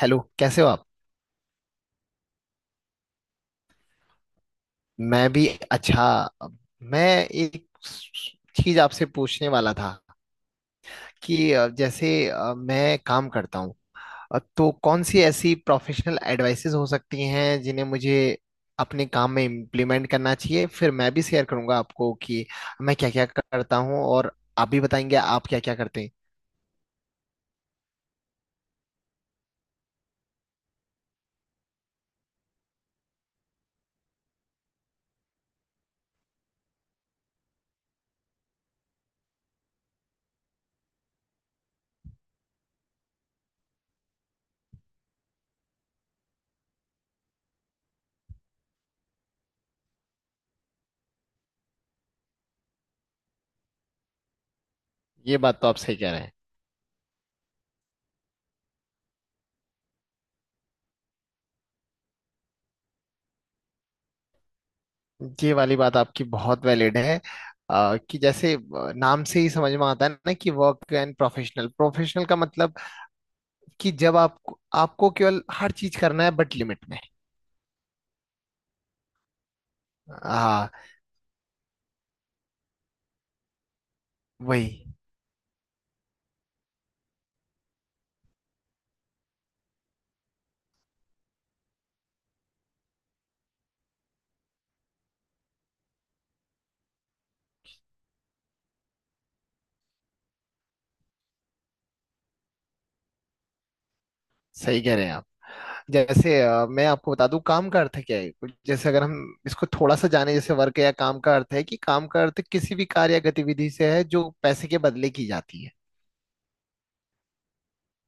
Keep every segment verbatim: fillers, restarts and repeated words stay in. Hello कैसे हो आप। मैं भी। अच्छा। मैं एक चीज आपसे पूछने वाला था कि अ, जैसे अ, मैं काम करता हूँ। अ, तो कौन सी ऐसी प्रोफेशनल एडवाइसेस हो सकती हैं जिन्हें मुझे अपने काम में इम्प्लीमेंट करना चाहिए। फिर मैं भी शेयर करूंगा आपको कि मैं क्या क्या करता हूँ और आप भी बताएंगे आप क्या क्या करते हैं। ये बात तो आप सही कह रहे हैं। ये वाली बात आपकी बहुत वैलिड है। अ, कि जैसे अ, नाम से ही समझ में आता है ना कि वर्क एंड प्रोफेशनल प्रोफेशनल का मतलब कि जब आप आपको केवल हर चीज करना है बट लिमिट में। हाँ। वही। सही कह रहे हैं आप। जैसे अ, मैं आपको बता दूं काम का अर्थ क्या है। जैसे अगर हम इसको थोड़ा सा जाने। जैसे वर्क या काम का अर्थ है कि काम का अर्थ किसी भी कार्य या गतिविधि से है जो पैसे के बदले की जाती है।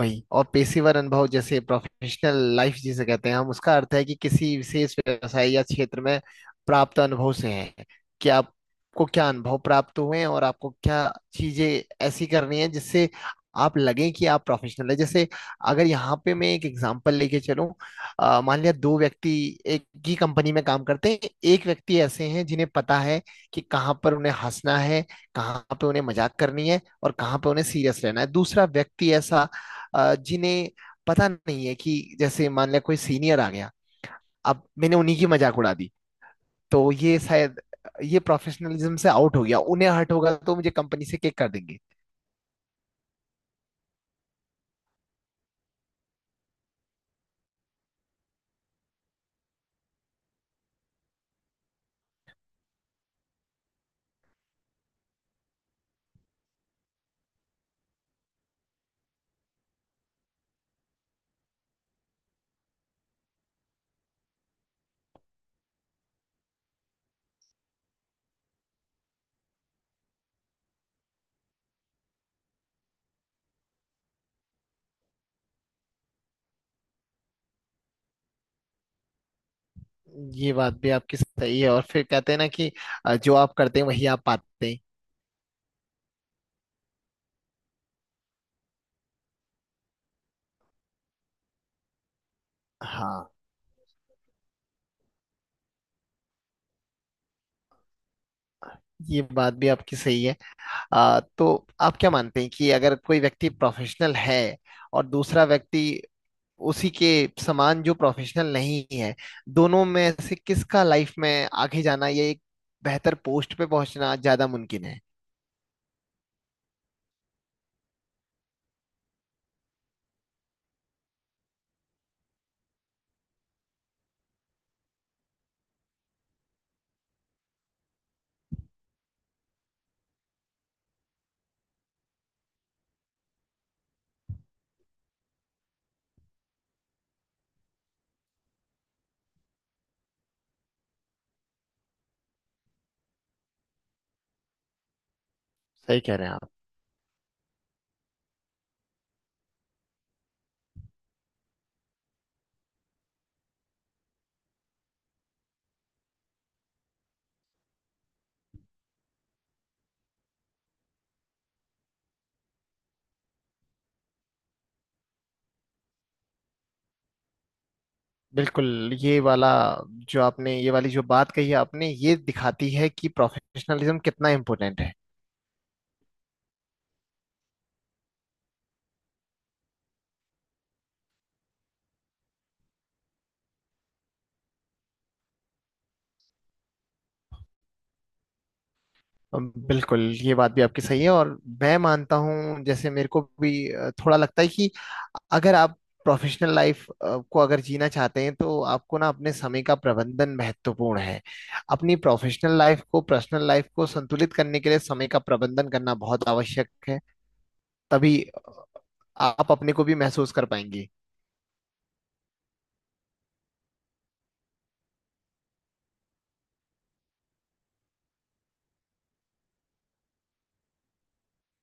वही और पेशेवर अनुभव जैसे प्रोफेशनल लाइफ जिसे कहते हैं हम उसका अर्थ है कि किसी विशेष व्यवसाय या क्षेत्र में प्राप्त अनुभव से है। कि आपको क्या अनुभव प्राप्त हुए हैं और आपको क्या चीजें ऐसी करनी है जिससे आप लगे कि आप प्रोफेशनल है। जैसे अगर यहाँ पे मैं एक एग्जांपल लेके चलूं। अ, मान लिया दो व्यक्ति एक ही कंपनी में काम करते हैं। एक व्यक्ति ऐसे हैं जिन्हें पता है कि कहाँ पर उन्हें हंसना है कहाँ पे उन्हें मजाक करनी है और कहाँ पे उन्हें सीरियस रहना है। दूसरा व्यक्ति ऐसा अ, जिन्हें पता नहीं है कि जैसे मान लिया कोई सीनियर आ गया। अब मैंने उन्हीं की मजाक उड़ा दी। तो ये शायद ये प्रोफेशनलिज्म से आउट हो गया। उन्हें हर्ट होगा तो मुझे कंपनी से किक कर देंगे। ये बात भी आपकी सही है और फिर कहते हैं ना कि अ, जो आप करते हैं वही आप पाते हैं। हाँ। ये बात भी आपकी सही है। आ, तो आप क्या मानते हैं कि अगर कोई व्यक्ति प्रोफेशनल है और दूसरा व्यक्ति उसी के समान जो प्रोफेशनल नहीं है दोनों में से किसका लाइफ में आगे जाना या एक बेहतर पोस्ट पे पहुंचना ज्यादा मुमकिन है। सही कह रहे हैं आप। बिल्कुल। ये वाला जो आपने ये वाली जो बात कही है आपने ये दिखाती है कि प्रोफेशनलिज्म कितना इम्पोर्टेंट है। अम, बिल्कुल ये बात भी आपकी सही है और मैं मानता हूँ जैसे मेरे को भी अ, थोड़ा लगता है कि अगर आप प्रोफेशनल लाइफ को अगर जीना चाहते हैं तो आपको ना अपने समय का प्रबंधन महत्वपूर्ण है। अपनी प्रोफेशनल लाइफ को पर्सनल लाइफ को संतुलित करने के लिए समय का प्रबंधन करना बहुत आवश्यक है। तभी आप अपने को भी महसूस कर पाएंगे।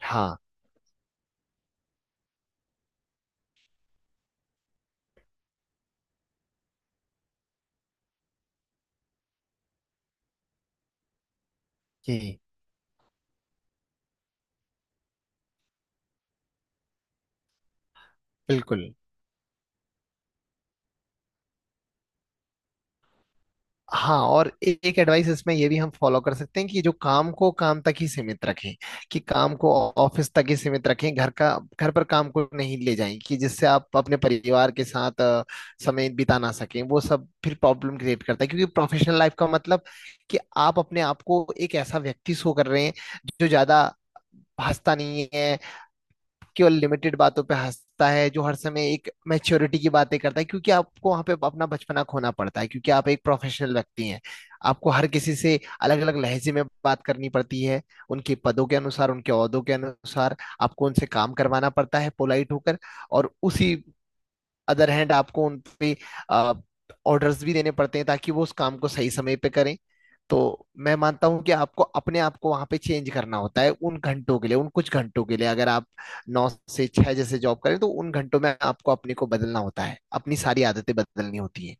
हाँ जी बिल्कुल। हाँ और ए- एक एडवाइस इसमें ये भी हम फॉलो कर सकते हैं कि जो काम को काम तक ही सीमित रखें। कि काम को ऑफिस तक ही सीमित रखें। घर का घर पर काम को नहीं ले जाएं कि जिससे आप अपने परिवार के साथ अ, समय बिता ना सकें। वो सब फिर प्रॉब्लम क्रिएट करता है क्योंकि प्रोफेशनल लाइफ का मतलब कि आप अपने आप को एक ऐसा व्यक्ति शो कर रहे हैं जो ज्यादा भाषता नहीं है। केवल लिमिटेड बातों पे हंसता है जो हर समय एक मैच्योरिटी की बातें करता है क्योंकि आपको वहां पे अपना बचपना खोना पड़ता है क्योंकि आप एक प्रोफेशनल व्यक्ति हैं। आपको हर किसी से अलग अलग लहजे में बात करनी पड़ती है उनके पदों के अनुसार उनके ओहदों के अनुसार। आपको उनसे काम करवाना पड़ता है पोलाइट होकर और उसी अदर हैंड आपको उन पे ऑर्डर्स भी देने पड़ते हैं ताकि वो उस काम को सही समय पे करें। तो मैं मानता हूं कि आपको अपने आप को वहां पे चेंज करना होता है उन घंटों के लिए उन कुछ घंटों के लिए अगर आप नौ से छह जैसे जॉब करें तो उन घंटों में आपको अपने को बदलना होता है अपनी सारी आदतें बदलनी होती है।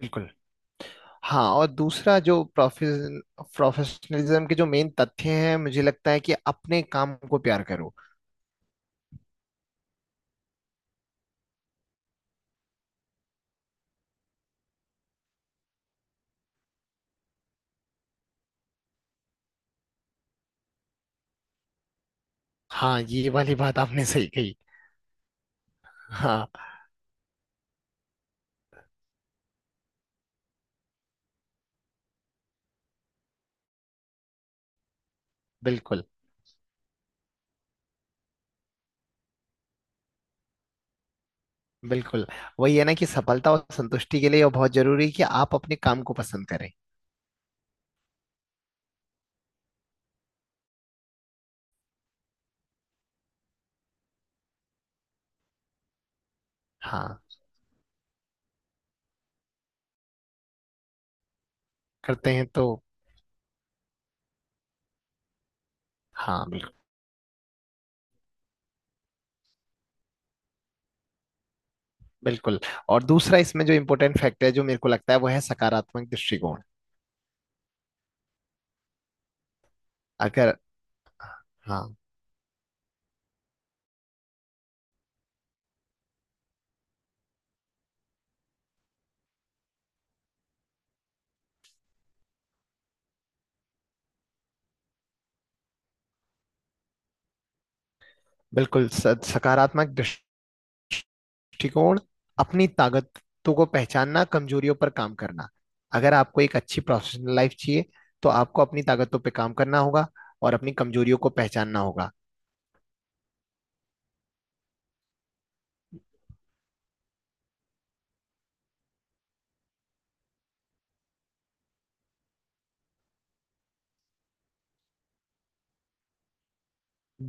बिल्कुल। हाँ और दूसरा जो प्रोफेशन प्रोफेशनलिज्म के जो मेन तथ्य हैं मुझे लगता है कि अपने काम को प्यार करो। हाँ ये वाली बात आपने सही कही। हाँ बिल्कुल बिल्कुल। वही है ना कि सफलता और संतुष्टि के लिए यह बहुत जरूरी है कि आप अपने काम को पसंद करें। हाँ करते हैं तो। हाँ बिल्कुल बिल्कुल। और दूसरा इसमें जो इम्पोर्टेंट फैक्टर है जो मेरे को लगता है वो है सकारात्मक दृष्टिकोण। अगर। हाँ बिल्कुल स- सकारात्मक दृष्टिकोण अपनी ताकतों को पहचानना कमजोरियों पर काम करना। अगर आपको एक अच्छी प्रोफेशनल लाइफ चाहिए तो आपको अपनी ताकतों पर काम करना होगा और अपनी कमजोरियों को पहचानना होगा।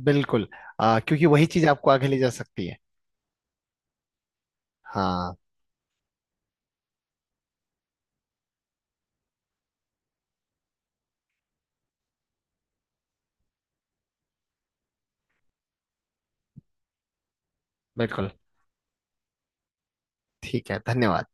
बिल्कुल। अ, क्योंकि वही चीज आपको आगे ले जा सकती है। हाँ बिल्कुल। ठीक है धन्यवाद।